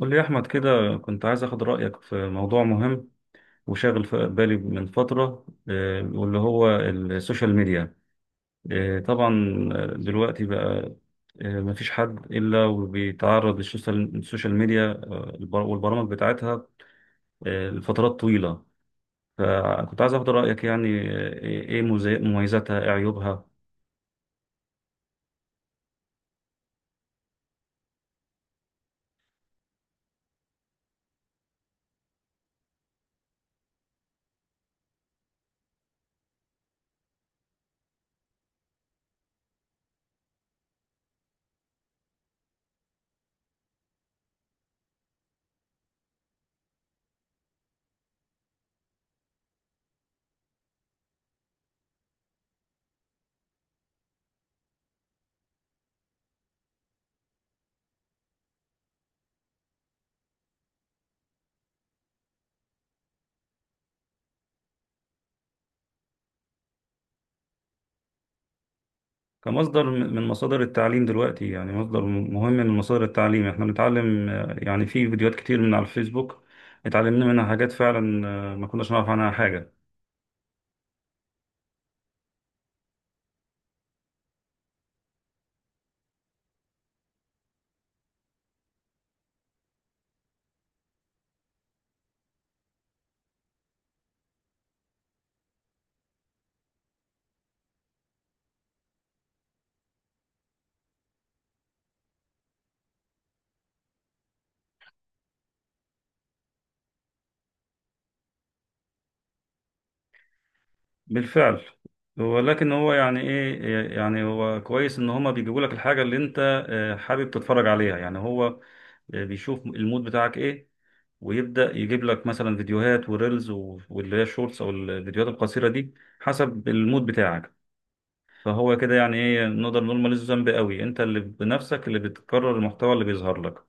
قول لي يا أحمد كده، كنت عايز أخد رأيك في موضوع مهم وشاغل في بالي من فترة، واللي هو السوشيال ميديا. طبعا. دلوقتي بقى، مفيش حد إلا وبيتعرض للسوشيال ميديا البر- والبرامج بتاعتها لفترات طويلة. فكنت عايز أخد رأيك يعني، إيه مميزاتها، إيه عيوبها؟ كمصدر من مصادر التعليم دلوقتي، يعني مصدر مهم من مصادر التعليم، احنا بنتعلم يعني في فيديوهات كتير من على الفيسبوك، اتعلمنا منها حاجات فعلا ما كناش نعرف عنها حاجة. بالفعل، ولكن هو يعني ايه، يعني هو كويس ان هما بيجيبوا لك الحاجة اللي انت حابب تتفرج عليها، يعني هو بيشوف المود بتاعك ايه، ويبدأ يجيب لك مثلا فيديوهات وريلز واللي هي الشورتس او الفيديوهات القصيرة دي حسب المود بتاعك. فهو كده يعني ايه، نقدر نقول ماليش ذنب قوي، انت اللي بنفسك اللي بتكرر المحتوى اللي بيظهر لك.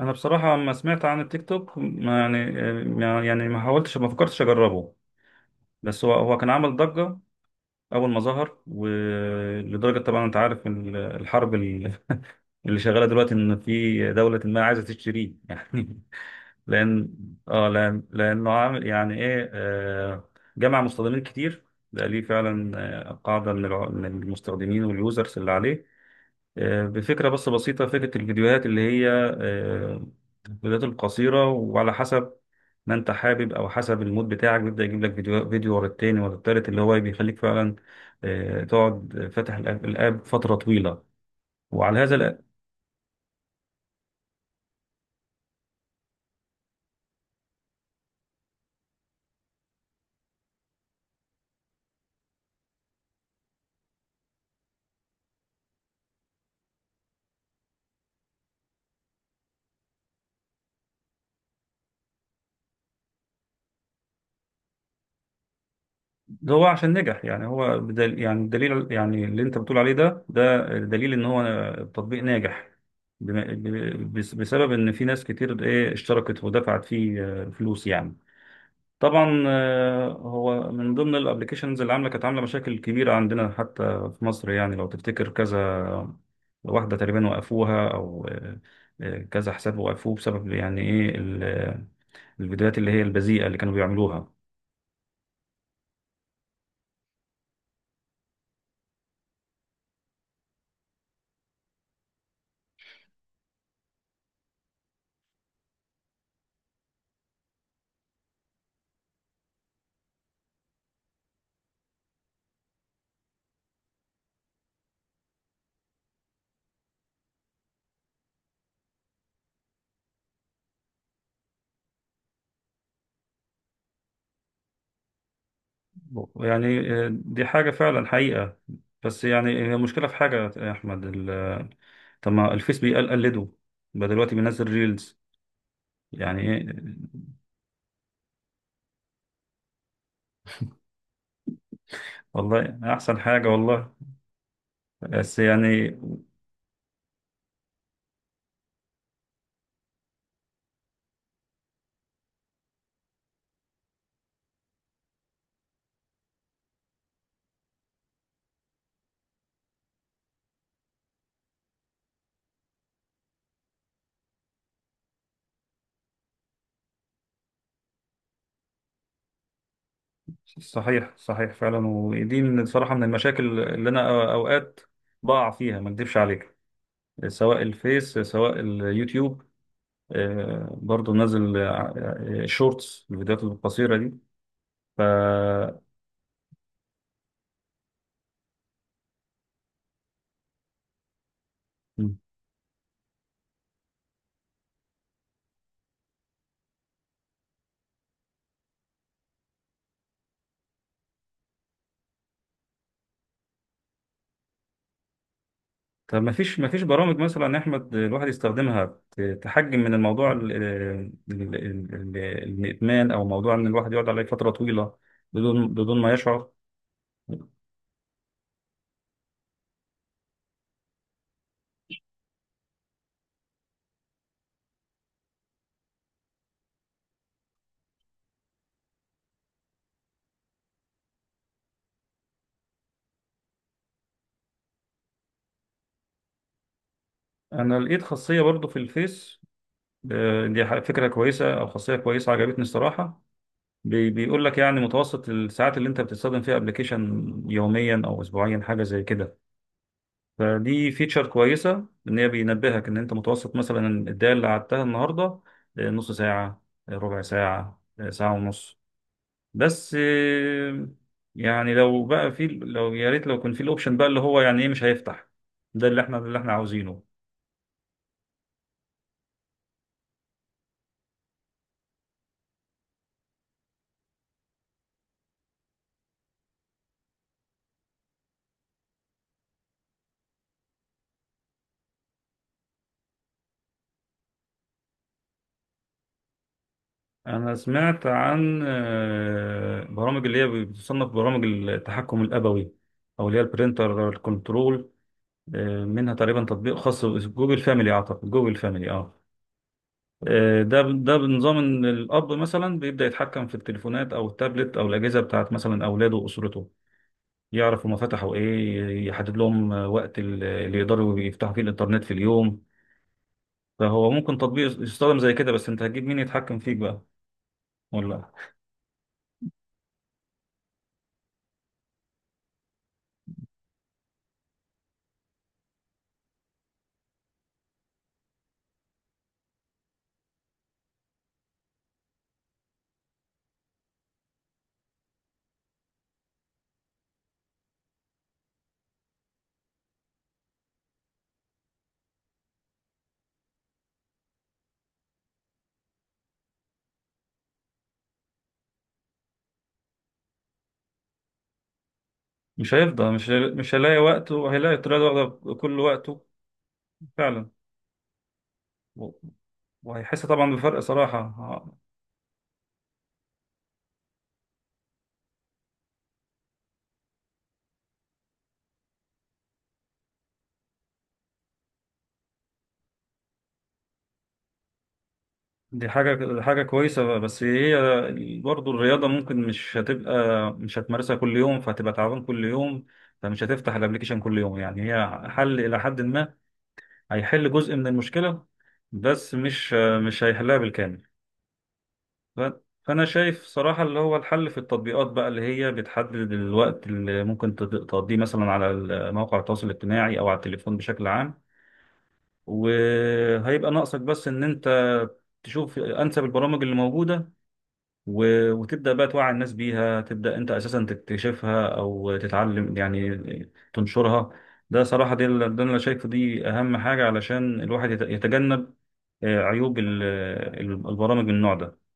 انا بصراحه لما سمعت عن التيك توك ما يعني، يعني ما حاولتش ما فكرتش اجربه، بس هو كان عامل ضجه اول ما ظهر، ولدرجه طبعا انت عارف الحرب اللي شغاله دلوقتي ان في دوله ما عايزه تشتريه يعني. لان لانه عامل يعني ايه جمع مستخدمين كتير، ده ليه فعلا قاعده من المستخدمين واليوزرز اللي عليه، بفكرة بس بسيطة، فكرة الفيديوهات اللي هي الفيديوهات القصيرة، وعلى حسب ما انت حابب او حسب المود بتاعك بيبدأ يجيب لك فيديو فيديو ورا التاني ورا التالت اللي هو بيخليك فعلا تقعد فاتح الآب فترة طويلة. وعلى هذا الأ- ده هو عشان نجح، يعني هو بدل يعني الدليل يعني اللي انت بتقول عليه ده دليل ان هو تطبيق ناجح، بسبب ان في ناس كتير ايه اشتركت ودفعت فيه فلوس يعني. طبعا هو من ضمن الابلكيشنز اللي كانت عامله مشاكل كبيره عندنا حتى في مصر، يعني لو تفتكر كذا واحده تقريبا وقفوها، او كذا حساب وقفوه بسبب يعني ايه الفيديوهات اللي هي البذيئه اللي كانوا بيعملوها. يعني دي حاجه فعلا حقيقه، بس يعني هي المشكله في حاجه يا احمد، طب ما الفيس بيقلده، بقى دلوقتي بينزل ريلز يعني ايه. والله احسن حاجه والله، بس يعني. صحيح صحيح فعلا، ودي من صراحة من المشاكل اللي أنا أوقات بقع فيها، ما أكدبش عليك، سواء الفيس سواء اليوتيوب برضو نازل شورتس الفيديوهات القصيرة دي. ف م. طب ما فيش برامج مثلا يا أحمد الواحد يستخدمها تحجم من الموضوع الإدمان، أو موضوع إن الواحد يقعد عليه فترة طويلة بدون ما يشعر؟ أنا لقيت خاصية برضو في الفيس، دي فكرة كويسة أو خاصية كويسة عجبتني الصراحة، بيقول لك يعني متوسط الساعات اللي أنت بتستخدم فيها أبلكيشن يوميا أو أسبوعيا، حاجة زي كده. فدي فيتشر كويسة إن هي بينبهك إن أنت متوسط مثلا الدقايق اللي قعدتها النهاردة نص ساعة، ربع ساعة، ساعة ونص، بس يعني لو بقى في، لو يا ريت لو كان في الأوبشن بقى اللي هو يعني إيه مش هيفتح، ده اللي إحنا عاوزينه. أنا سمعت عن برامج اللي هي بتصنف برامج التحكم الأبوي، أو اللي هي البرينتر كنترول، منها تقريبا تطبيق خاص جوجل فاميلي، أعتقد جوجل فاميلي أه آه، ده بنظام إن الأب مثلا بيبدأ يتحكم في التليفونات أو التابلت أو الأجهزة بتاعت مثلا أولاده وأسرته، يعرف هما فتحوا إيه، يحدد لهم وقت اللي يقدروا يفتحوا فيه الإنترنت في اليوم. فهو ممكن تطبيق يستخدم زي كده، بس أنت هتجيب مين يتحكم فيك بقى؟ ولا مش هيفضى، مش هيلاقي وقته، هيلاقي الطريقة دي واخدة كل وقته فعلا. و- وهيحس طبعا بفرق صراحة. دي حاجة كويسة، بس هي برضه الرياضة ممكن مش هتبقى، مش هتمارسها كل يوم، فهتبقى تعبان كل يوم، فمش هتفتح الابليكيشن كل يوم، يعني هي حل إلى حد ما، هيحل جزء من المشكلة، بس مش هيحلها بالكامل. ف- فأنا شايف صراحة اللي هو الحل في التطبيقات بقى اللي هي بتحدد الوقت اللي ممكن تقضيه مثلا على مواقع التواصل الاجتماعي أو على التليفون بشكل عام، وهيبقى ناقصك بس إن أنت تشوف أنسب البرامج اللي موجودة، وتبدأ بقى توعي الناس بيها، تبدأ أنت أساسا تكتشفها أو تتعلم يعني تنشرها. ده صراحة دي اللي ده اللي أنا شايفه، دي أهم حاجة علشان الواحد يتجنب عيوب البرامج من النوع ده.